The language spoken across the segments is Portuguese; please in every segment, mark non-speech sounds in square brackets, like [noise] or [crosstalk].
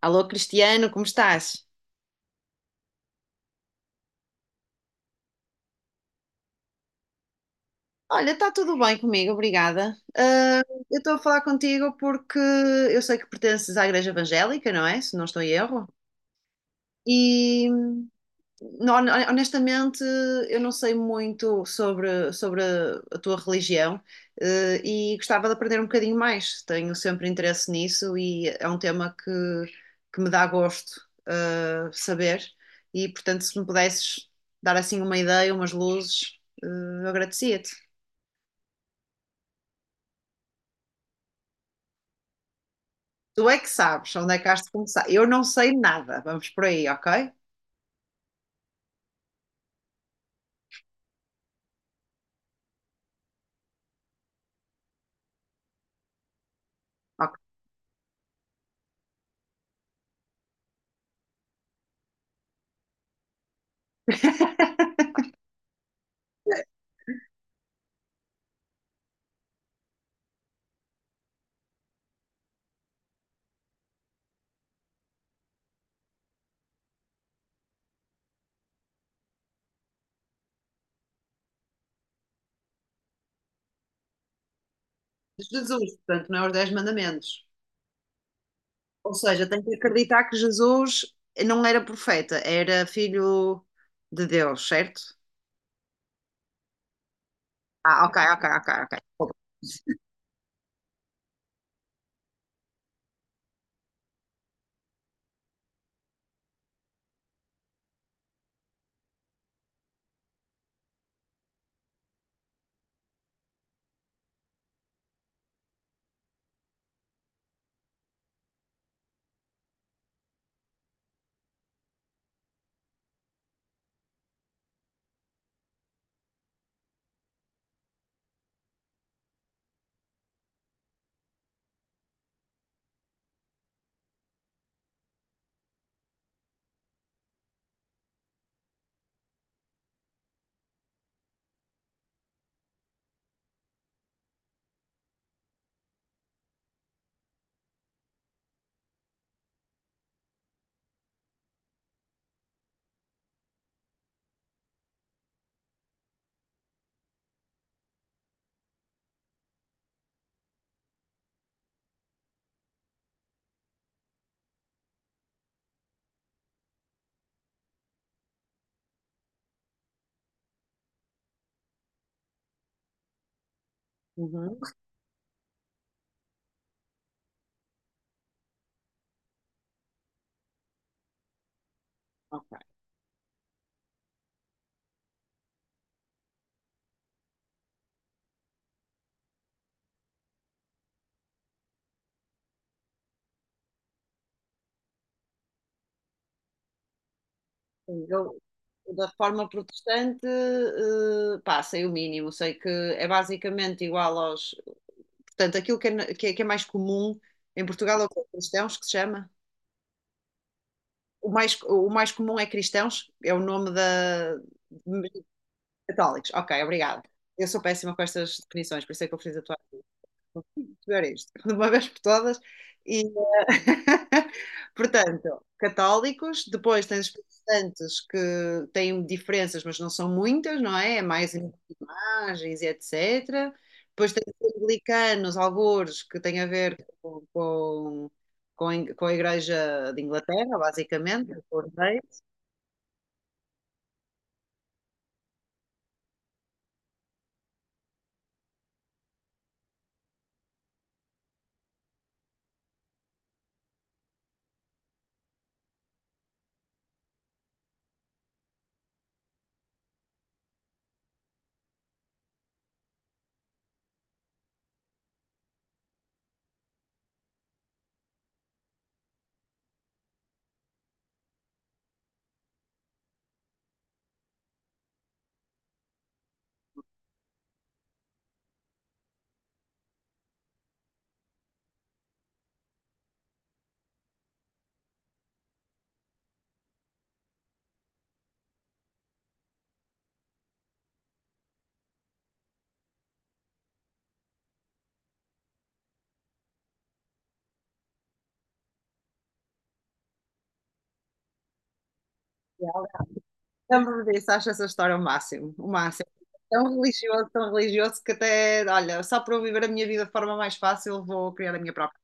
Alô, Cristiano, como estás? Olha, está tudo bem comigo, obrigada. Eu estou a falar contigo porque eu sei que pertences à Igreja Evangélica, não é? Se não estou em erro. E honestamente, eu não sei muito sobre a tua religião, e gostava de aprender um bocadinho mais. Tenho sempre interesse nisso e é um tema que me dá gosto, saber. E, portanto, se me pudesses dar assim uma ideia, umas luzes, eu agradecia-te. Tu é que sabes onde é que has de começar. Eu não sei nada. Vamos por aí, ok? Ok. [laughs] Jesus, portanto, não é os 10 mandamentos. Ou seja, tem que acreditar que Jesus não era profeta, era filho de Deus, certo? Ah, ok, ok, ok, ok. Uhum. Ok. Eu, da reforma protestante, pá, sei o mínimo, sei que é basicamente igual aos. Portanto, aquilo que que que é mais comum em Portugal é o que é cristãos, que se chama. O mais comum é cristãos, é o nome da. Católicos, ok, obrigada. Eu sou péssima com estas definições, por isso é que eu fiz a tua melhor isto, [laughs] de uma vez por todas. E, [laughs] portanto, católicos, depois tens protestantes que têm diferenças, mas não são muitas, não é? É mais imagens e etc. Depois tens anglicanos, algures que têm a ver com, com, com a Igreja de Inglaterra, basicamente, com reis. Lembro-me disso, acho essa história o máximo, o máximo. Tão religioso que até, olha, só para eu viver a minha vida de forma mais fácil, vou criar a minha própria.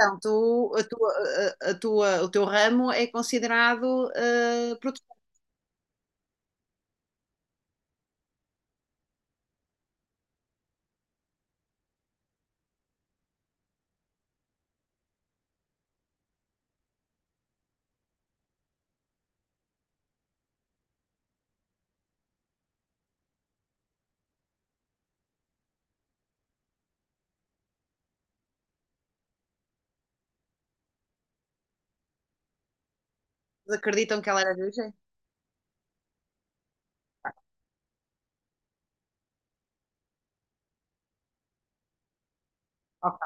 Então, a tua, o teu ramo é considerado protestante. Acreditam que ela era virgem? Ok,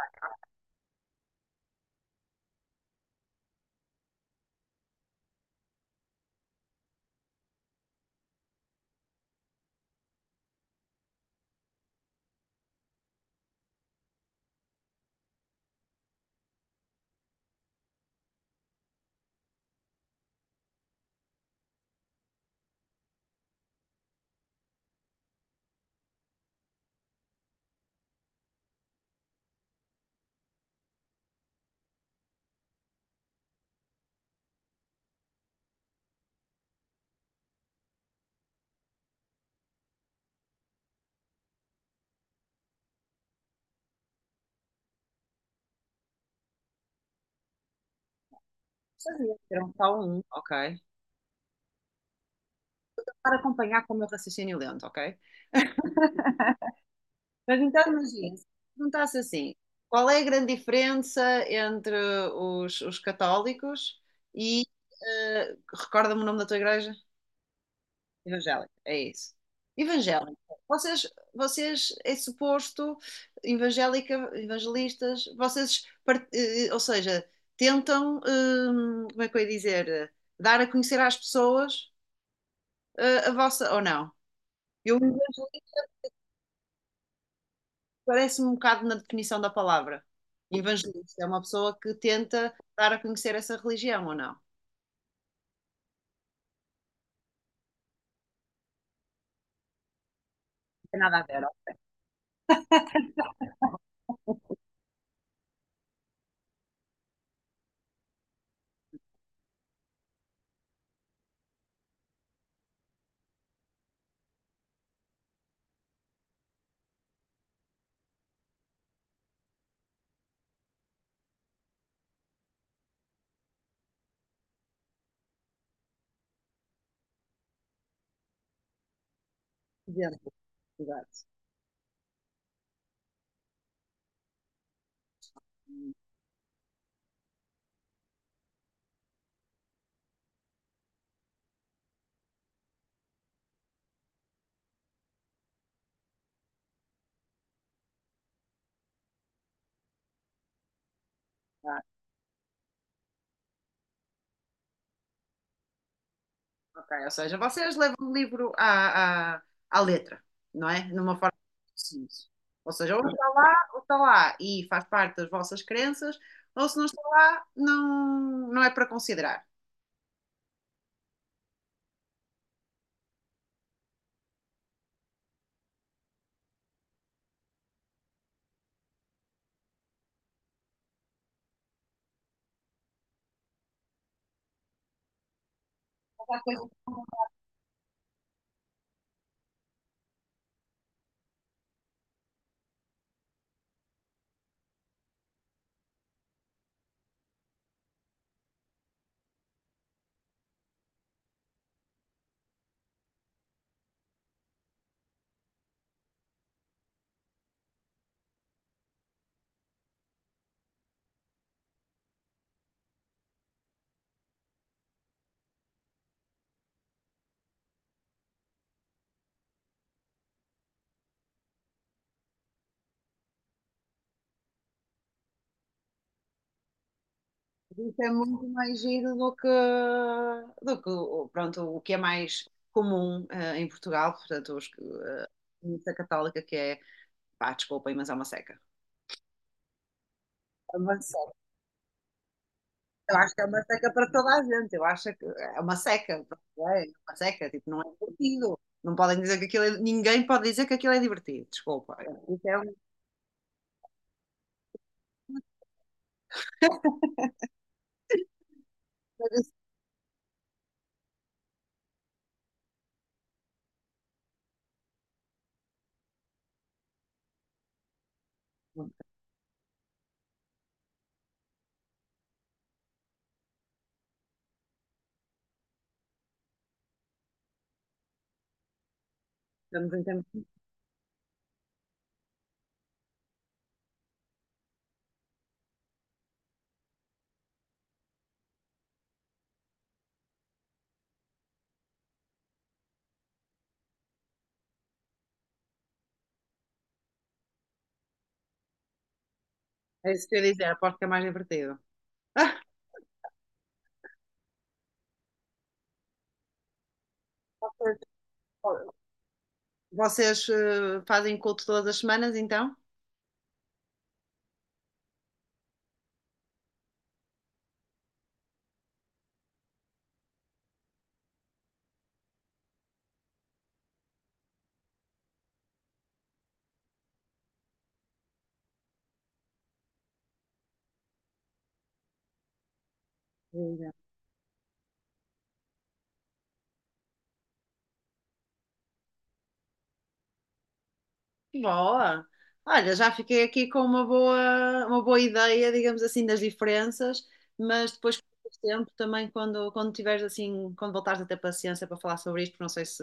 sabia, eram só um, ok. Para acompanhar com o meu raciocínio lento, ok? Mas então, imagina, se perguntasse assim, qual é a grande diferença entre os católicos e, recorda-me o nome da tua igreja? Evangélica, é isso. Evangélica. Vocês, vocês, é suposto, evangélica, evangelistas, vocês, ou seja, tentam, como é que eu ia dizer, dar a conhecer às pessoas, a vossa, ou não? Eu evangelho parece-me um bocado na definição da palavra. Evangelista é uma pessoa que tenta dar a conhecer essa religião, ou não? Não tem nada a ver, ó. Exemplo, exato. Hum, tá. Ok, ou seja, vocês levam o livro à letra, não é? Numa forma simples. Ou seja, ou está lá e faz parte das vossas crenças, ou se não está lá, não é para considerar. Isso é muito mais giro do que pronto, o que é mais comum em Portugal, portanto, a missa católica que é, pá, desculpem, mas é uma seca. Mas eu acho que é uma seca para toda a gente. Eu acho que é uma seca. Pronto, é uma seca, tipo, não é divertido. Não podem dizer que aquilo é... Ninguém pode dizer que aquilo é divertido. Desculpa. Isso é uma coisa assim. Estamos em tempo. É isso que eu ia dizer. Aposto que é mais divertido. Vocês vocês, fazem culto todas as semanas, então? Boa! Olha, já fiquei aqui com uma boa ideia, digamos assim, das diferenças, mas depois, com o tempo, também quando tiveres assim, quando voltares a ter paciência para falar sobre isto, porque não sei se,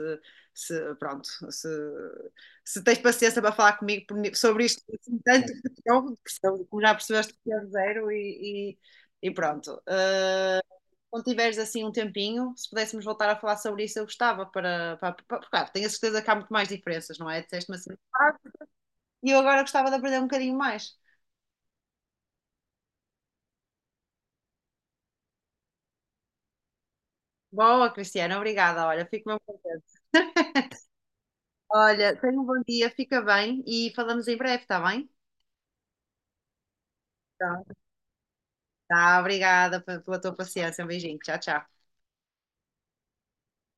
se pronto, se tens paciência para falar comigo sobre isto, assim, tanto que eu, como já percebeste, que é zero e pronto. Ah, quando tiveres assim um tempinho, se pudéssemos voltar a falar sobre isso, eu gostava para- porque, claro, tenho a certeza que há muito mais diferenças, não é? Disseste-me assim. "Ah, e eu agora gostava de aprender um bocadinho mais. Boa, Cristiana, obrigada. Olha, fico mesmo contente. Olha, tenha um bom dia, fica bem e falamos em breve, está bem? Tá. Tá, obrigada pela tua paciência. Um beijinho. Tchau, tchau.